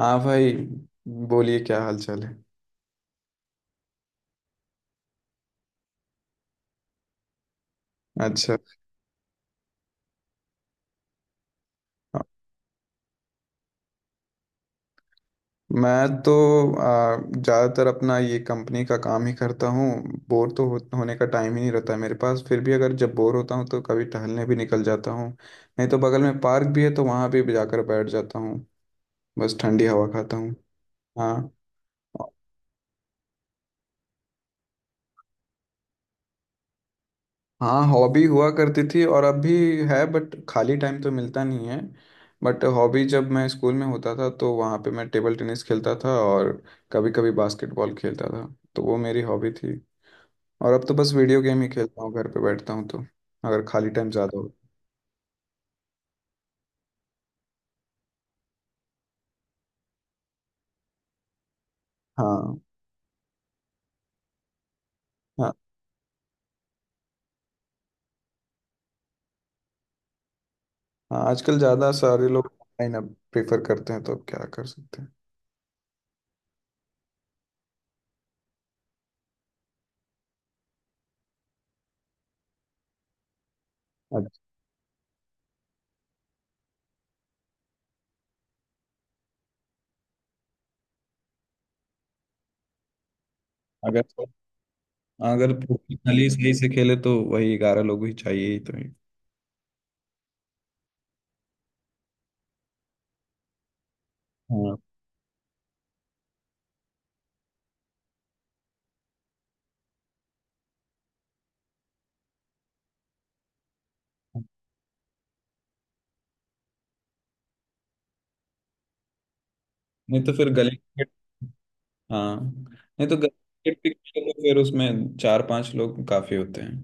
हाँ भाई। बोलिए, क्या हाल चाल है। अच्छा। मैं तो ज़्यादातर अपना ये कंपनी का काम ही करता हूँ। होने का टाइम ही नहीं रहता है मेरे पास। फिर भी अगर जब बोर होता हूँ तो कभी टहलने भी निकल जाता हूँ। नहीं तो बगल में पार्क भी है तो वहाँ भी जाकर बैठ जाता हूँ। बस ठंडी हवा खाता हूँ। हाँ। हाँ हॉबी हुआ करती थी और अब भी है, बट खाली टाइम तो मिलता नहीं है। बट हॉबी, जब मैं स्कूल में होता था तो वहाँ पे मैं टेबल टेनिस खेलता था और कभी कभी बास्केटबॉल खेलता था। तो वो मेरी हॉबी थी। और अब तो बस वीडियो गेम ही खेलता हूँ घर पे। बैठता हूँ तो अगर खाली टाइम ज़्यादा हो। हाँ। हाँ। हाँ आजकल ज़्यादा सारे लोग ऑनलाइन अब प्रेफर करते हैं, तो अब क्या कर सकते हैं। अच्छा, अगर अगर प्रोफेशनली सही से खेले तो वही ग्यारह लोग ही चाहिए ही, तो ही। हाँ। नहीं तो फिर गली क्रिकेट। हाँ। नहीं तो गर्ल्स पिक तो फिर उसमें चार पांच लोग काफी होते हैं।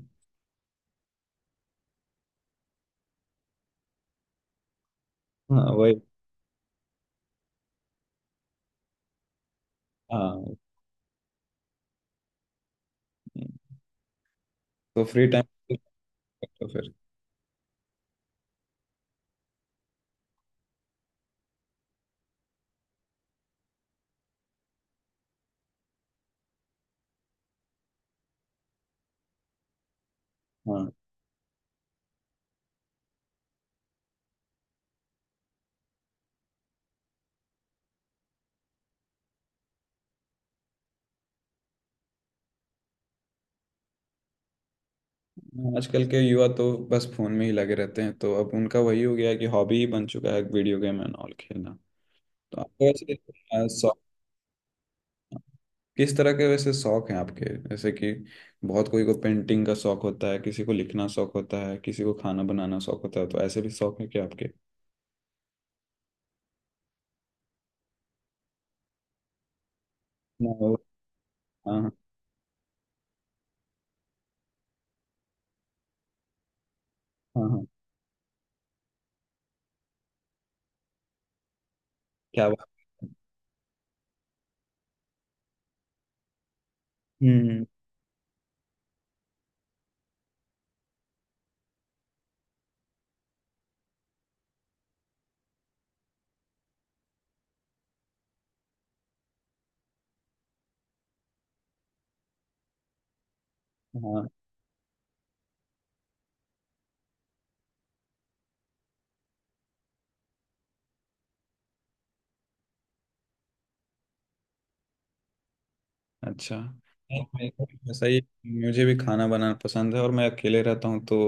हाँ वही। हाँ तो फ्री टाइम, तो फिर। हाँ आजकल के युवा तो बस फोन में ही लगे रहते हैं, तो अब उनका वही हो गया है कि हॉबी ही बन चुका है वीडियो गेम एंड ऑल खेलना। तो आपको वैसे शौक किस तरह के, वैसे शौक हैं आपके? जैसे कि बहुत कोई को पेंटिंग का शौक होता है, किसी को लिखना शौक होता है, किसी को खाना बनाना शौक होता है। तो ऐसे भी शौक है क्या आपके? हाँ। हाँ। हाँ। हाँ, क्या बात। हम्म हम्म। हाँ। अच्छा हाँ, मेरे को भी ऐसा ही है। मुझे भी खाना बनाना पसंद है और मैं अकेले रहता हूँ तो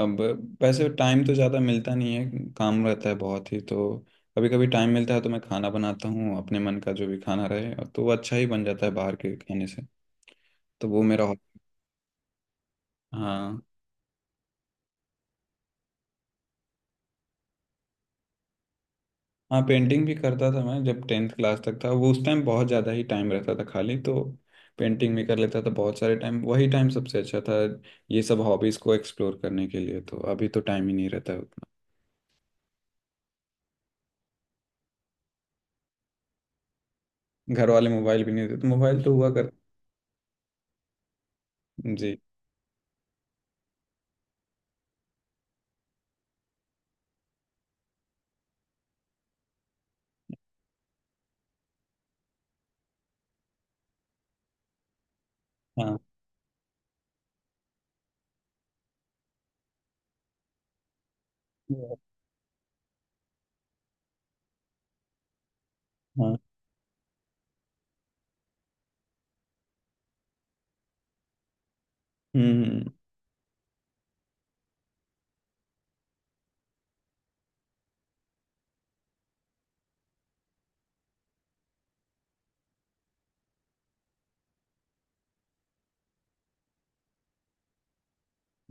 अब, वैसे टाइम तो ज़्यादा मिलता नहीं है, काम रहता है बहुत ही, तो कभी कभी टाइम मिलता है तो मैं खाना बनाता हूँ अपने मन का जो भी खाना रहे। और तो वो अच्छा ही बन जाता है बाहर के खाने से। तो वो मेरा हॉबी। हाँ। हाँ पेंटिंग भी करता था मैं, जब टेंथ क्लास तक था वो उस टाइम बहुत ज़्यादा ही टाइम रहता था खाली, तो पेंटिंग भी कर लेता था बहुत सारे टाइम। वही टाइम सबसे अच्छा था ये सब हॉबीज़ को एक्सप्लोर करने के लिए। तो अभी तो टाइम ही नहीं रहता है उतना। घर वाले मोबाइल भी नहीं देते तो मोबाइल तो हुआ कर। जी। हाँ। हाँ। हम्म हम्म।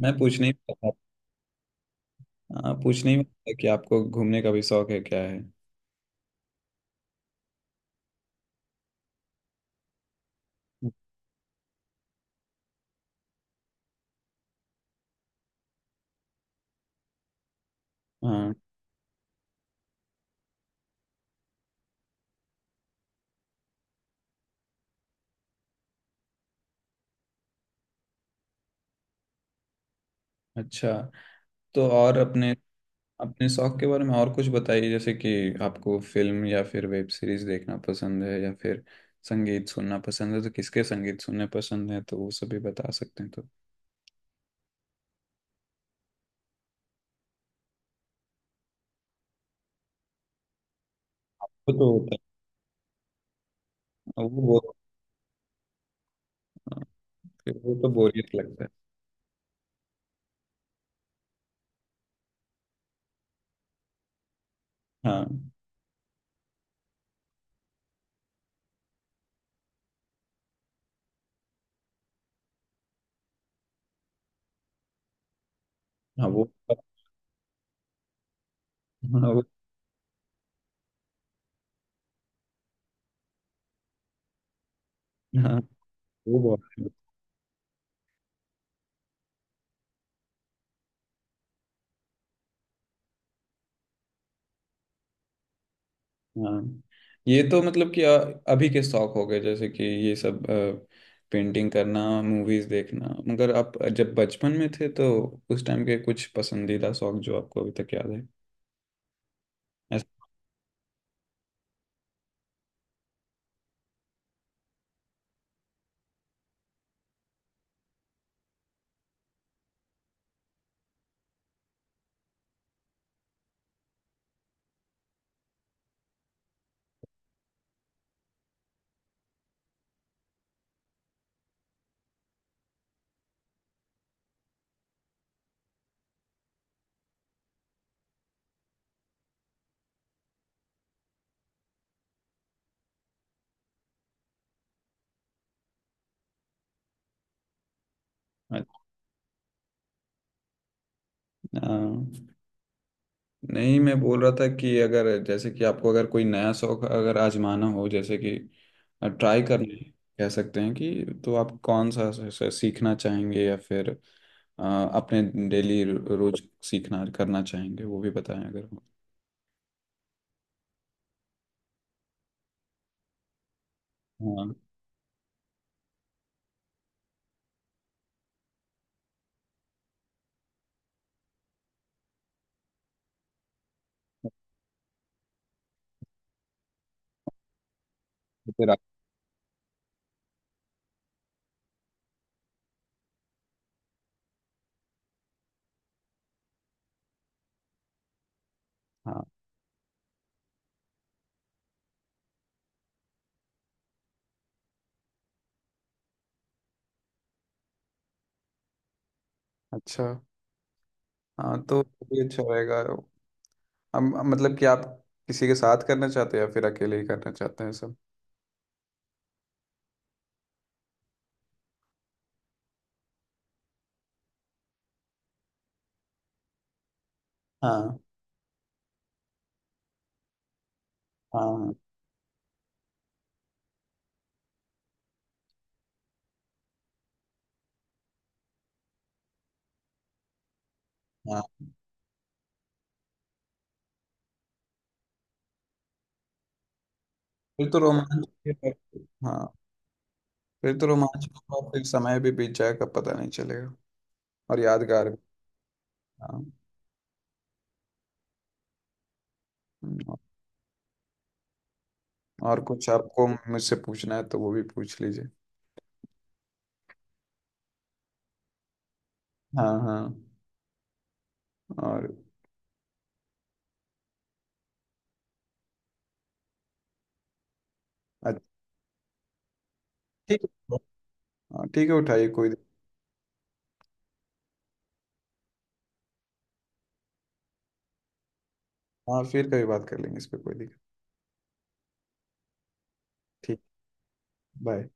मैं पूछने ही वाला था। हाँ, पूछने ही वाला था कि आपको घूमने का भी शौक है क्या है। हाँ। अच्छा। तो और अपने, अपने शौक के बारे में और कुछ बताइए। जैसे कि आपको फिल्म या फिर वेब सीरीज देखना पसंद है या फिर संगीत सुनना पसंद है? तो किसके संगीत सुनने पसंद है तो वो सब भी बता सकते हैं तो। वो तो होता है। वो बहुत। हाँ, फिर वो तो बोरियत लगता है। हाँ। हाँ वो तो। हाँ वो। हाँ वो बहुत। हाँ ये तो मतलब कि अभी के शौक हो गए, जैसे कि ये सब पेंटिंग करना, मूवीज देखना। मगर आप जब बचपन में थे तो उस टाइम के कुछ पसंदीदा शौक जो आपको अभी तक याद है? ऐसा। अ, नहीं मैं बोल रहा था कि अगर, जैसे कि आपको अगर कोई नया शौक अगर आजमाना हो, जैसे कि ट्राई करने कह सकते हैं कि, तो आप कौन सा सीखना चाहेंगे? या फिर अ, अपने डेली, रोज सीखना करना चाहेंगे वो भी बताएं अगर हो। हाँ। तो फिर आप। हाँ। अच्छा। हाँ तो भी अच्छा रहेगा। हम मतलब कि आप किसी के साथ करना चाहते हैं या फिर अकेले ही करना चाहते हैं सब? हाँ। हाँ। हाँ फिर तो रोमांच। हाँ फिर तो रोमांच होगा, फिर समय भी बीत जाएगा पता नहीं चलेगा। और यादगार भी। हाँ। हम्म, और कुछ आपको मुझसे पूछना है तो वो भी पूछ लीजिए। हाँ हाँ। और। अच्छा, ठीक है। हाँ, ठीक है उठाइए, कोई दिक्कत। हाँ फिर कभी बात कर लेंगे, इस पे कोई दिक्कत। ठीक। बाय।